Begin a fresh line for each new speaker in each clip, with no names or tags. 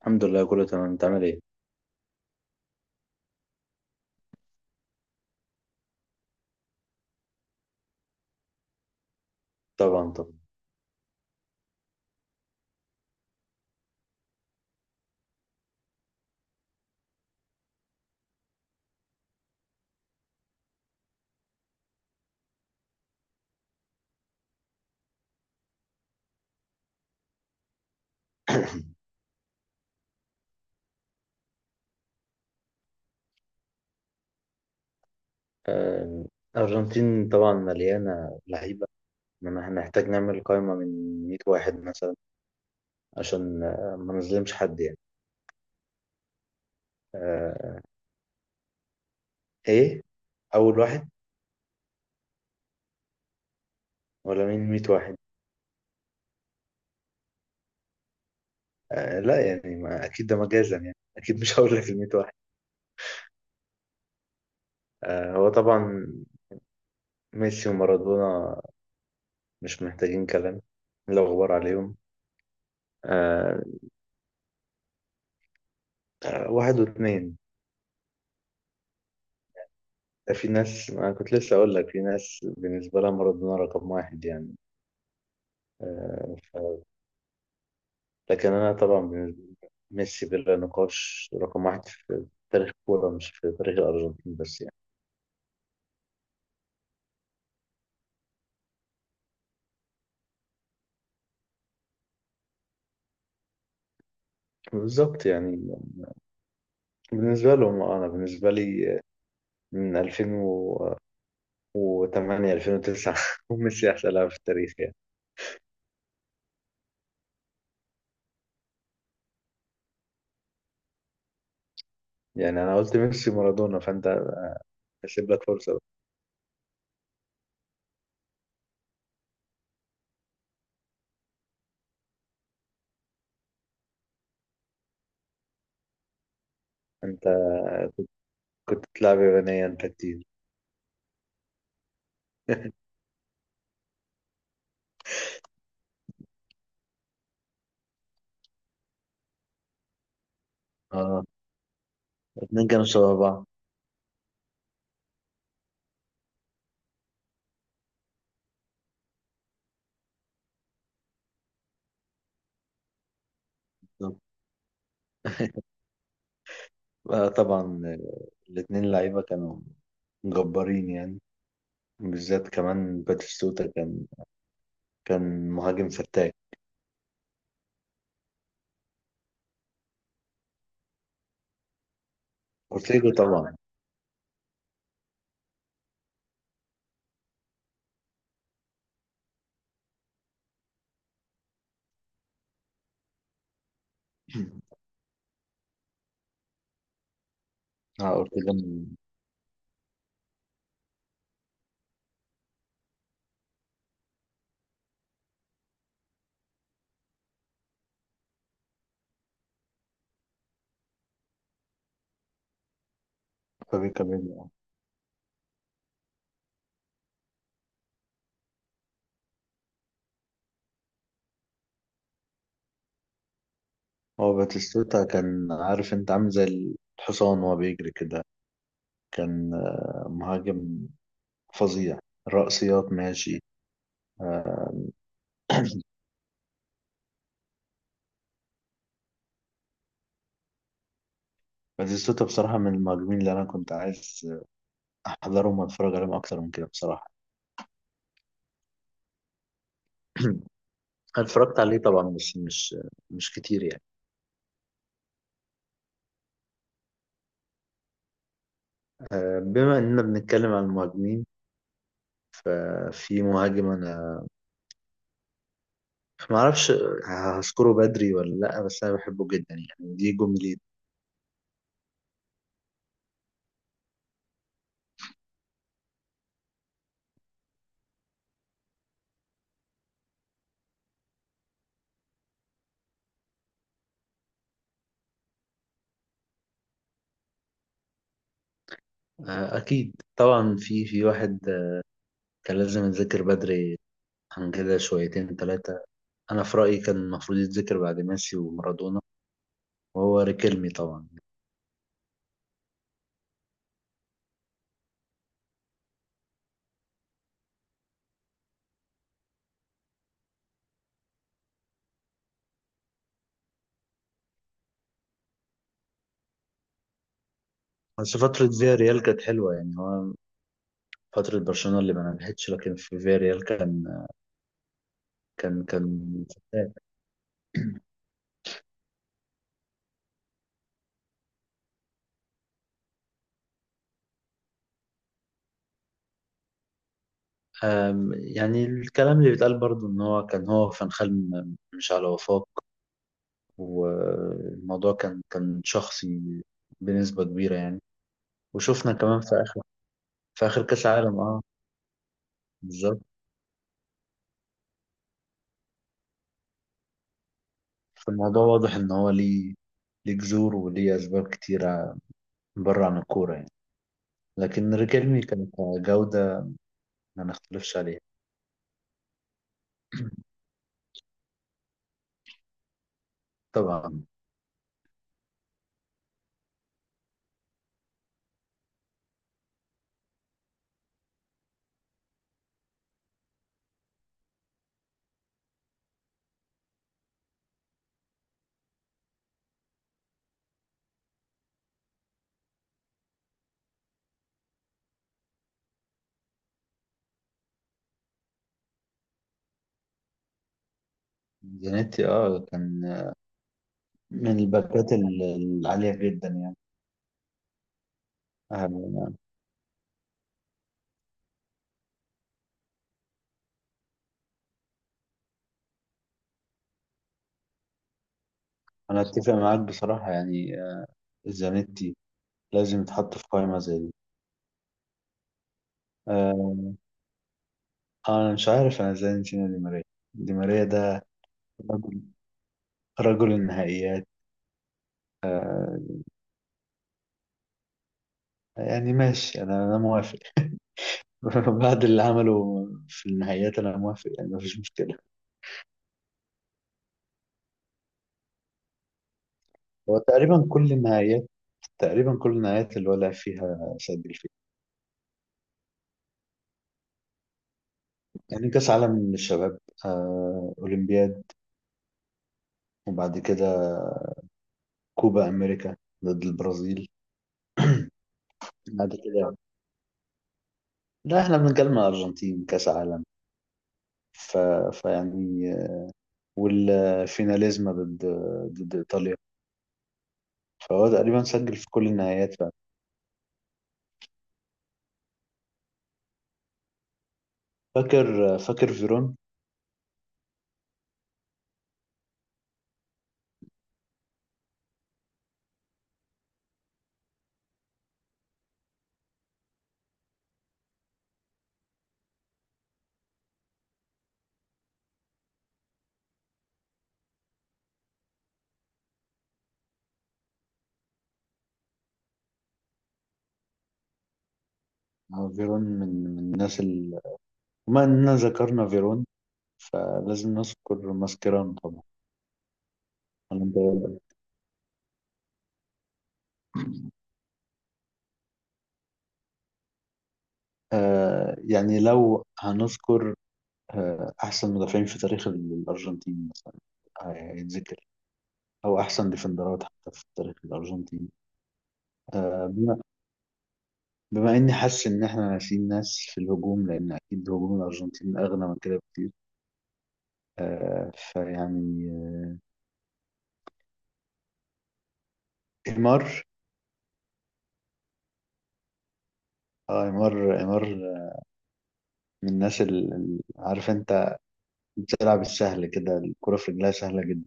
الحمد لله كله تمام، انت عامل ايه؟ طبعا طبعا. آه، الارجنتين طبعا مليانه لعيبه، انما هنحتاج نعمل قائمه من 100 واحد مثلا عشان ما نظلمش حد يعني. آه، ايه، اول واحد ولا مين 100 واحد؟ لا يعني، ما اكيد ده مجازا، يعني اكيد مش هقول لك ال 100 واحد. هو طبعا ميسي ومارادونا مش محتاجين كلام، لا غبار عليهم. آه، واحد واثنين. في ناس، أنا كنت لسه أقول لك، في ناس بالنسبة لها مارادونا رقم واحد يعني. آه، ف- لكن أنا طبعا بالنسبة لي ميسي بلا نقاش رقم واحد في تاريخ الكورة، مش في تاريخ الأرجنتين بس يعني. بالظبط يعني، بالنسبة لهم. أنا بالنسبة لي من 2008 2009 ميسي أحسن لاعب في التاريخ يعني. يعني أنا قلت ميسي مارادونا، فأنت هسيب لك فرصة بقى. أنت كنت تلعب يابانية أنت كتير. اه، الاثنين كانوا شبه بعض. آه طبعا، الاثنين لعيبة كانوا جبارين يعني. بالذات كمان باتيستوتا كان مهاجم فتاك. اورتيجو طبعا. اه اورتيجو من فابي كامينو. هو باتيستوتا كان عارف، انت عامل زي الحصان وهو بيجري كده، كان مهاجم فظيع، رأسيات ماشي. باتيستوتا بصراحة من المهاجمين اللي أنا كنت عايز أحضرهم وأتفرج عليهم أكتر من كده بصراحة. أنا اتفرجت عليه طبعا بس مش كتير يعني. بما إننا بنتكلم عن المهاجمين، في مهاجم أنا ما اعرفش هشكره بدري ولا لا، بس انا بحبه جدا يعني، دي جملة. اكيد طبعا، في واحد كان لازم يتذكر بدري عن كده شويتين ثلاثة. انا في رأيي كان المفروض يتذكر بعد ميسي ومارادونا، وهو ريكيلمي طبعا. بس فترة فياريال كانت حلوة، يعني هو فترة برشلونة اللي ما نجحتش، لكن في فياريال كان فتاك. يعني الكلام اللي بيتقال برضه ان هو كان هو فان خال مش على وفاق، والموضوع كان شخصي بنسبة كبيرة يعني. وشفنا كمان في آخر كأس العالم، اه، بالظبط. فالموضوع واضح إن هو ليه جذور وليه أسباب كتيرة بره عن الكورة يعني. لكن ريكيرمي كان كجودة ما نختلفش عليها. طبعا. زانيتي اه كان من الباكات العالية جدا يعني. آه، أنا أتفق معاك بصراحة يعني. زانيتي لازم يتحط في قائمة زي دي. آه، انا مش عارف انا ازاي نسينا دي ماريا. دي ماريا ده رجل رجل النهائيات. يعني ماشي، انا موافق. بعد اللي عمله في النهائيات انا موافق يعني، مفيش مشكله. هو تقريبا كل النهائيات اللي ولع فيها سجل فيها. يعني كاس عالم للشباب، اولمبياد، وبعد كده كوبا امريكا ضد البرازيل. بعد كده لا، احنا بنتكلم على الارجنتين، كاس عالم. ف... فيعني والفيناليزما ضد ايطاليا. فهو تقريبا سجل في كل النهايات بقى. فاكر فيرون. فيرون من الناس. بما اننا ذكرنا فيرون، فلازم نذكر ماسكيران طبعا. ولا انت إيه رأيك؟ يعني، لو هنذكر احسن مدافعين في تاريخ الارجنتين مثلا هيتذكر، او احسن ديفندرات حتى في تاريخ الارجنتين. آه بما, بما اني حاسس ان احنا ناسيين ناس في الهجوم، لان اكيد هجوم الارجنتين اغنى من كده بكتير. فيعني نيمار. اه، عمار من الناس اللي عارف انت بتلعب السهل كده، الكرة في رجلها سهلة جدا.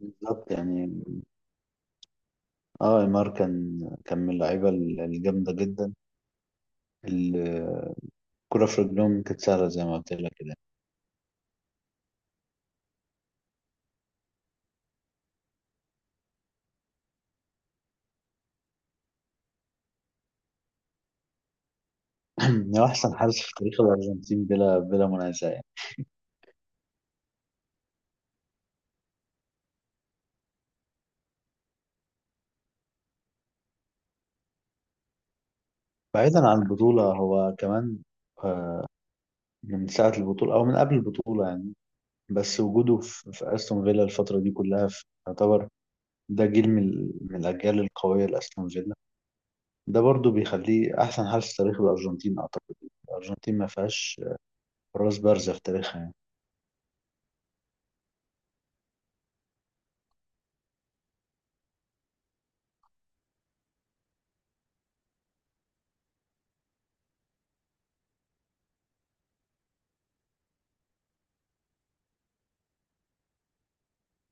بالظبط يعني. اه عمار كان من اللعيبة الجامدة جدا. ال- الكرة في رجلهم كانت سهلة زي ما قلت لك كده. هو أحسن حارس في تاريخ الأرجنتين بلا منازع يعني. بعيدا عن البطولة هو كمان آه، من ساعة البطولة أو من قبل البطولة يعني. بس وجوده في أستون فيلا الفترة دي كلها يعتبر ده جيل من الأجيال القوية لأستون فيلا. ده برضو بيخليه احسن حارس في تاريخ الارجنتين اعتقد. الارجنتين ما فيهاش حراس بارزة في تاريخها يعني.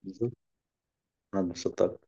بالظبط، انا اتبسطت.